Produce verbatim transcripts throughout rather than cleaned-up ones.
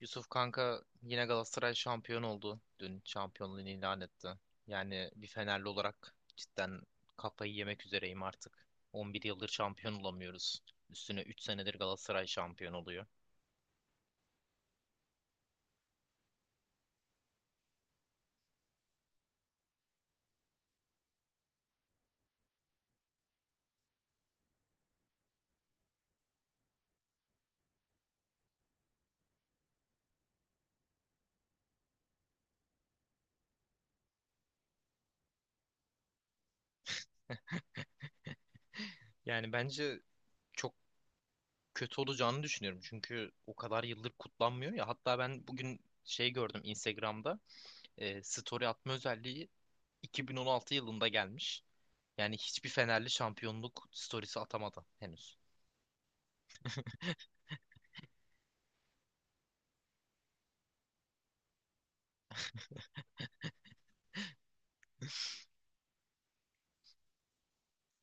Yusuf kanka yine Galatasaray şampiyon oldu. Dün şampiyonluğunu ilan etti. Yani bir Fenerli olarak cidden kafayı yemek üzereyim artık. on bir yıldır şampiyon olamıyoruz. Üstüne üç senedir Galatasaray şampiyon oluyor. Yani bence çok kötü olacağını düşünüyorum. Çünkü o kadar yıldır kutlanmıyor ya. Hatta ben bugün şey gördüm Instagram'da. E, story atma özelliği iki bin on altı yılında gelmiş. Yani hiçbir Fenerli şampiyonluk storiesi atamadı henüz.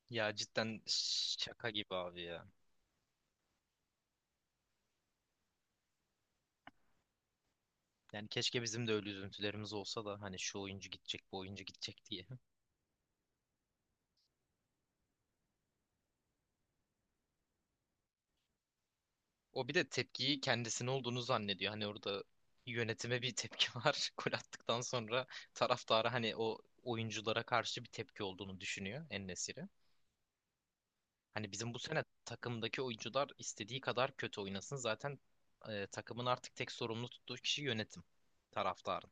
Ya cidden şaka gibi abi ya. Yani keşke bizim de öyle üzüntülerimiz olsa da hani şu oyuncu gidecek, bu oyuncu gidecek diye. O bir de tepkiyi kendisine olduğunu zannediyor. Hani orada yönetime bir tepki var. Gol attıktan sonra taraftara hani o oyunculara karşı bir tepki olduğunu düşünüyor en. Hani bizim bu sene takımdaki oyuncular istediği kadar kötü oynasın. Zaten e, takımın artık tek sorumlu tuttuğu kişi yönetim, taraftarın.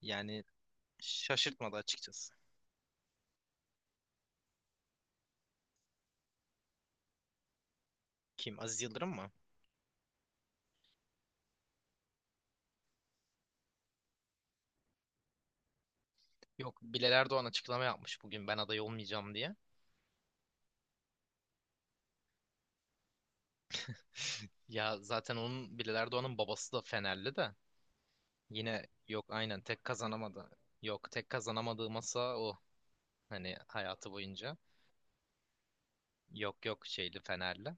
Yani şaşırtmadı açıkçası. Kim? Aziz Yıldırım mı? Yok, Bilal Erdoğan açıklama yapmış bugün ben aday olmayacağım diye. Ya zaten onun, Bilal Erdoğan'ın babası da Fenerli de. Yine yok, aynen tek kazanamadı. Yok, tek kazanamadığı masa o. Hani hayatı boyunca. Yok yok, şeyli, Fenerli.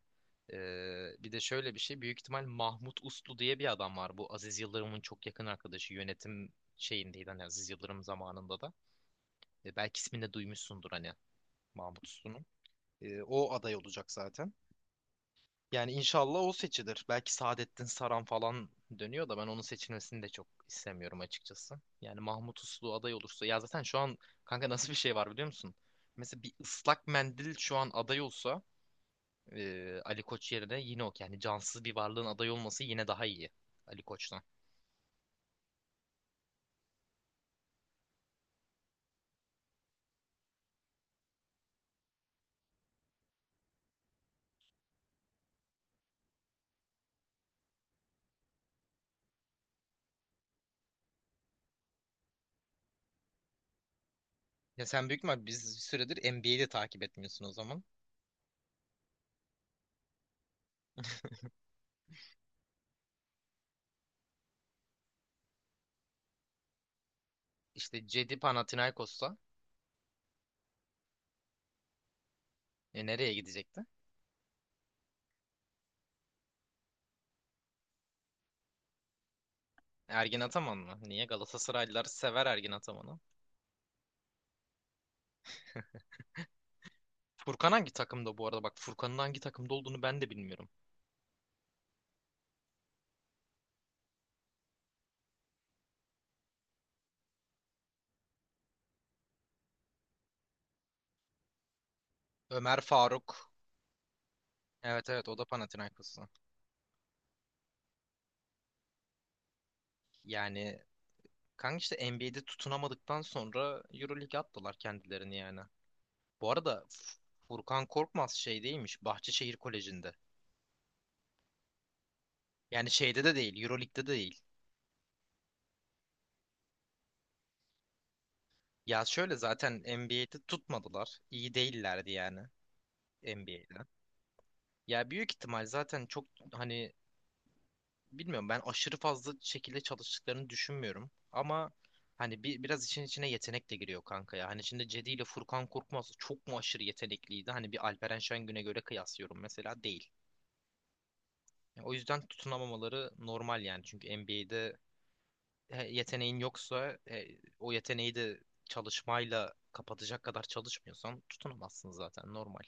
Ee, bir de şöyle bir şey. Büyük ihtimal Mahmut Uslu diye bir adam var. Bu Aziz Yıldırım'ın çok yakın arkadaşı. Yönetim şeyindeydi hani, Aziz Yıldırım zamanında da. E, belki ismini de duymuşsundur hani, Mahmut Uslu'nun. E, o aday olacak zaten. Yani inşallah o seçilir. Belki Saadettin Saran falan dönüyor da ben onun seçilmesini de çok istemiyorum açıkçası. Yani Mahmut Uslu aday olursa, ya zaten şu an kanka nasıl bir şey var biliyor musun? Mesela bir ıslak mendil şu an aday olsa e, Ali Koç yerine, yine o yani cansız bir varlığın aday olması yine daha iyi Ali Koç'tan. Ya sen büyük mü, biz bir süredir N B A'yi de takip etmiyorsun o zaman. İşte Cedi Panathinaikos'ta. E, nereye gidecekti? Ergin Ataman mı? Niye Galatasaraylılar sever Ergin Ataman'ı? Furkan hangi takımda bu arada? Bak, Furkan'ın hangi takımda olduğunu ben de bilmiyorum. Ömer Faruk. Evet evet, o da Panathinaikos'ta. Yani kanka, işte N B A'de tutunamadıktan sonra EuroLeague'e attılar kendilerini yani. Bu arada F- Furkan Korkmaz şey değilmiş, Bahçeşehir Koleji'nde. Yani şeyde de değil, EuroLeague'de de değil. Ya şöyle, zaten N B A'de tutmadılar. İyi değillerdi yani N B A'de. Ya büyük ihtimal zaten çok, hani bilmiyorum, ben aşırı fazla şekilde çalıştıklarını düşünmüyorum. Ama hani bir, biraz işin içine yetenek de giriyor kanka ya. Hani şimdi Cedi ile Furkan Korkmaz çok mu aşırı yetenekliydi? Hani bir Alperen Şengün'e göre kıyaslıyorum mesela, değil. Yani o yüzden tutunamamaları normal yani. Çünkü N B A'de yeteneğin yoksa, e, o yeteneği de çalışmayla kapatacak kadar çalışmıyorsan tutunamazsın zaten, normal.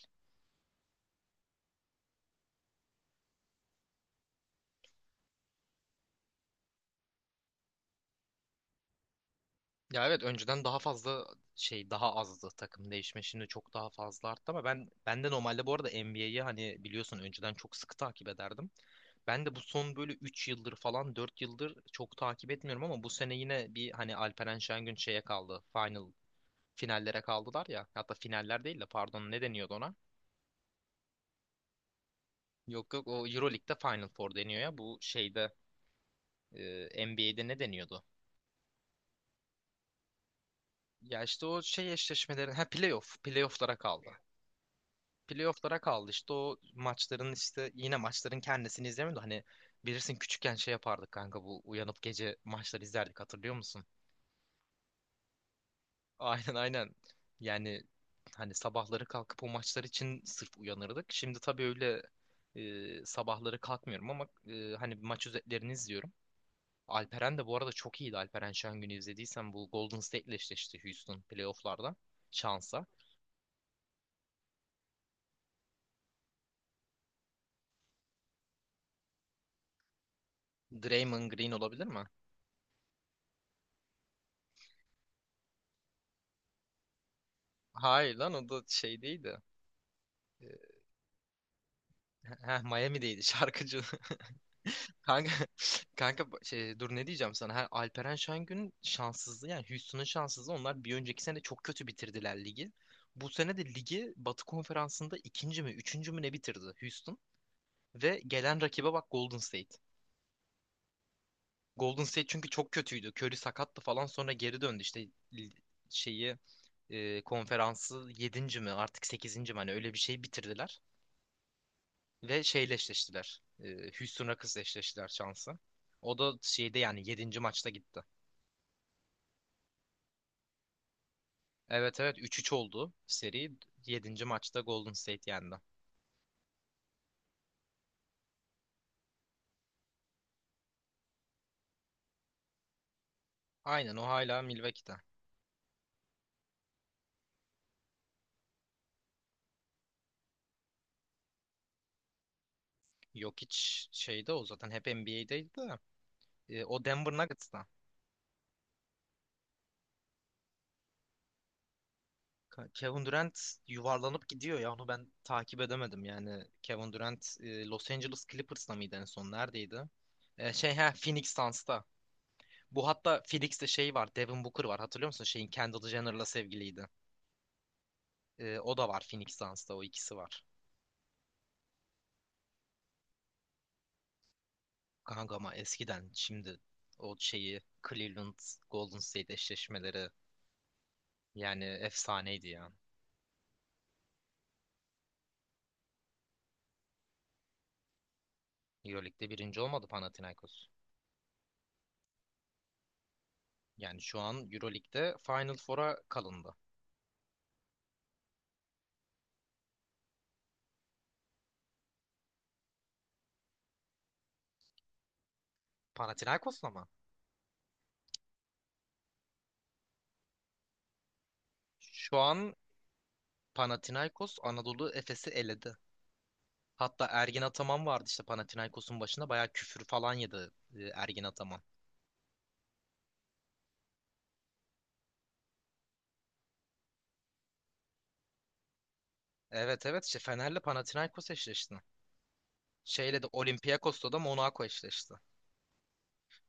Ya evet, önceden daha fazla şey daha azdı, takım değişme şimdi çok daha fazla arttı. Ama ben ben de normalde bu arada N B A'yi, hani biliyorsun, önceden çok sıkı takip ederdim. Ben de bu son böyle üç yıldır falan, dört yıldır çok takip etmiyorum ama bu sene yine bir, hani Alperen Şengün şeye kaldı. Final finallere kaldılar ya. Hatta finaller değil de, pardon, ne deniyordu ona? Yok yok, o EuroLeague'de Final Four deniyor ya. Bu şeyde, e, N B A'de ne deniyordu? Ya işte o şey eşleşmelerin, ha, playoff playoff'lara kaldı. Playoff'lara kaldı işte, o maçların işte, yine maçların kendisini izlemiyordu. Hani bilirsin, küçükken şey yapardık kanka, bu uyanıp gece maçları izlerdik, hatırlıyor musun? Aynen aynen. Yani hani sabahları kalkıp o maçlar için sırf uyanırdık. Şimdi tabii öyle e, sabahları kalkmıyorum ama e, hani maç özetlerini izliyorum. Alperen de bu arada çok iyiydi. Alperen Şengün'ü izlediysen, bu Golden State'le eşleşti Houston playoff'larda, şansa. Draymond Green olabilir mi? Hayır lan, o da şey değildi. E, Heh, Miami'deydi şarkıcı. Kanka, kanka bu- şey, dur ne diyeceğim sana. Ha, Alperen Şengün şanssızlığı yani, Houston'ın şanssızlığı. Onlar bir önceki sene çok kötü bitirdiler ligi. Bu sene de ligi Batı Konferansı'nda ikinci mi üçüncü mü ne bitirdi Houston. Ve gelen rakibe bak, Golden State. Golden State çünkü çok kötüydü. Curry sakattı falan, sonra geri döndü işte. li- Şeyi, e, konferansı yedinci mi artık, sekizinci mi, hani öyle bir şey bitirdiler. Ve şeyle eşleştiler. E, Houston Rockets'la eşleştiler, şansı. O da şeyde yani yedinci maçta gitti. Evet evet, üç üç oldu seri. Yedinci maçta Golden State yendi. Aynen, o hala Milwaukee'de. Jokic şeyde, o zaten hep N B A'deydi de. E, o Denver Nuggets'ta. Ka- Kevin Durant yuvarlanıp gidiyor ya, onu ben takip edemedim yani. Kevin Durant, e, Los Angeles Clippers'ta mıydı, en son neredeydi? E, şey, ha, Phoenix Suns'ta. Bu hatta Phoenix'te şey var, Devin Booker var. Hatırlıyor musun? Şeyin, Kendall Jenner'la sevgiliydi. Ee, o da var Phoenix Suns'ta. O ikisi var. Kanka ama eskiden, şimdi o şeyi, Cleveland Golden State eşleşmeleri yani, efsaneydi ya. Euroleague'de birinci olmadı Panathinaikos. Yani şu an Euroleague'de Final Four'a kalındı. Panathinaikos'la mı? Şu an Panathinaikos Anadolu Efes'i eledi. Hatta Ergin Ataman vardı işte Panathinaikos'un başında, bayağı küfür falan yedi e, Ergin Ataman. Evet evet, işte Fener'le Panathinaikos eşleşti. Şeyle de, Olympiakos'la da Monaco eşleşti.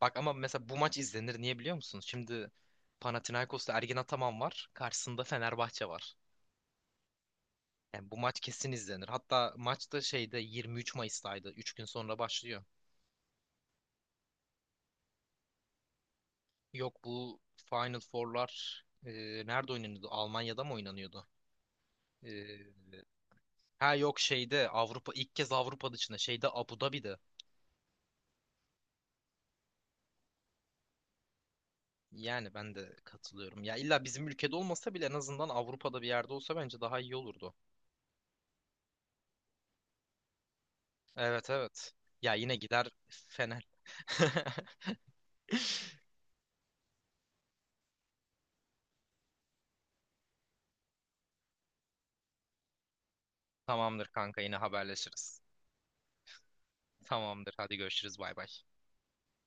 Bak ama mesela bu maç izlenir, niye biliyor musunuz? Şimdi Panathinaikos'ta Ergin Ataman var. Karşısında Fenerbahçe var. Yani bu maç kesin izlenir. Hatta maç da şeyde yirmi üç Mayıs'taydı. Üç gün sonra başlıyor. Yok, bu Final Four'lar e, nerede oynanıyordu? Almanya'da mı oynanıyordu? E, ha yok şeyde Avrupa, ilk kez Avrupa dışında şeyde, Abu Dhabi'de. Yani ben de katılıyorum. Ya illa bizim ülkede olmasa bile, en azından Avrupa'da bir yerde olsa bence daha iyi olurdu. Evet evet. Ya yine gider Fener. Tamamdır kanka, yine haberleşiriz. Tamamdır, hadi görüşürüz, bay bay.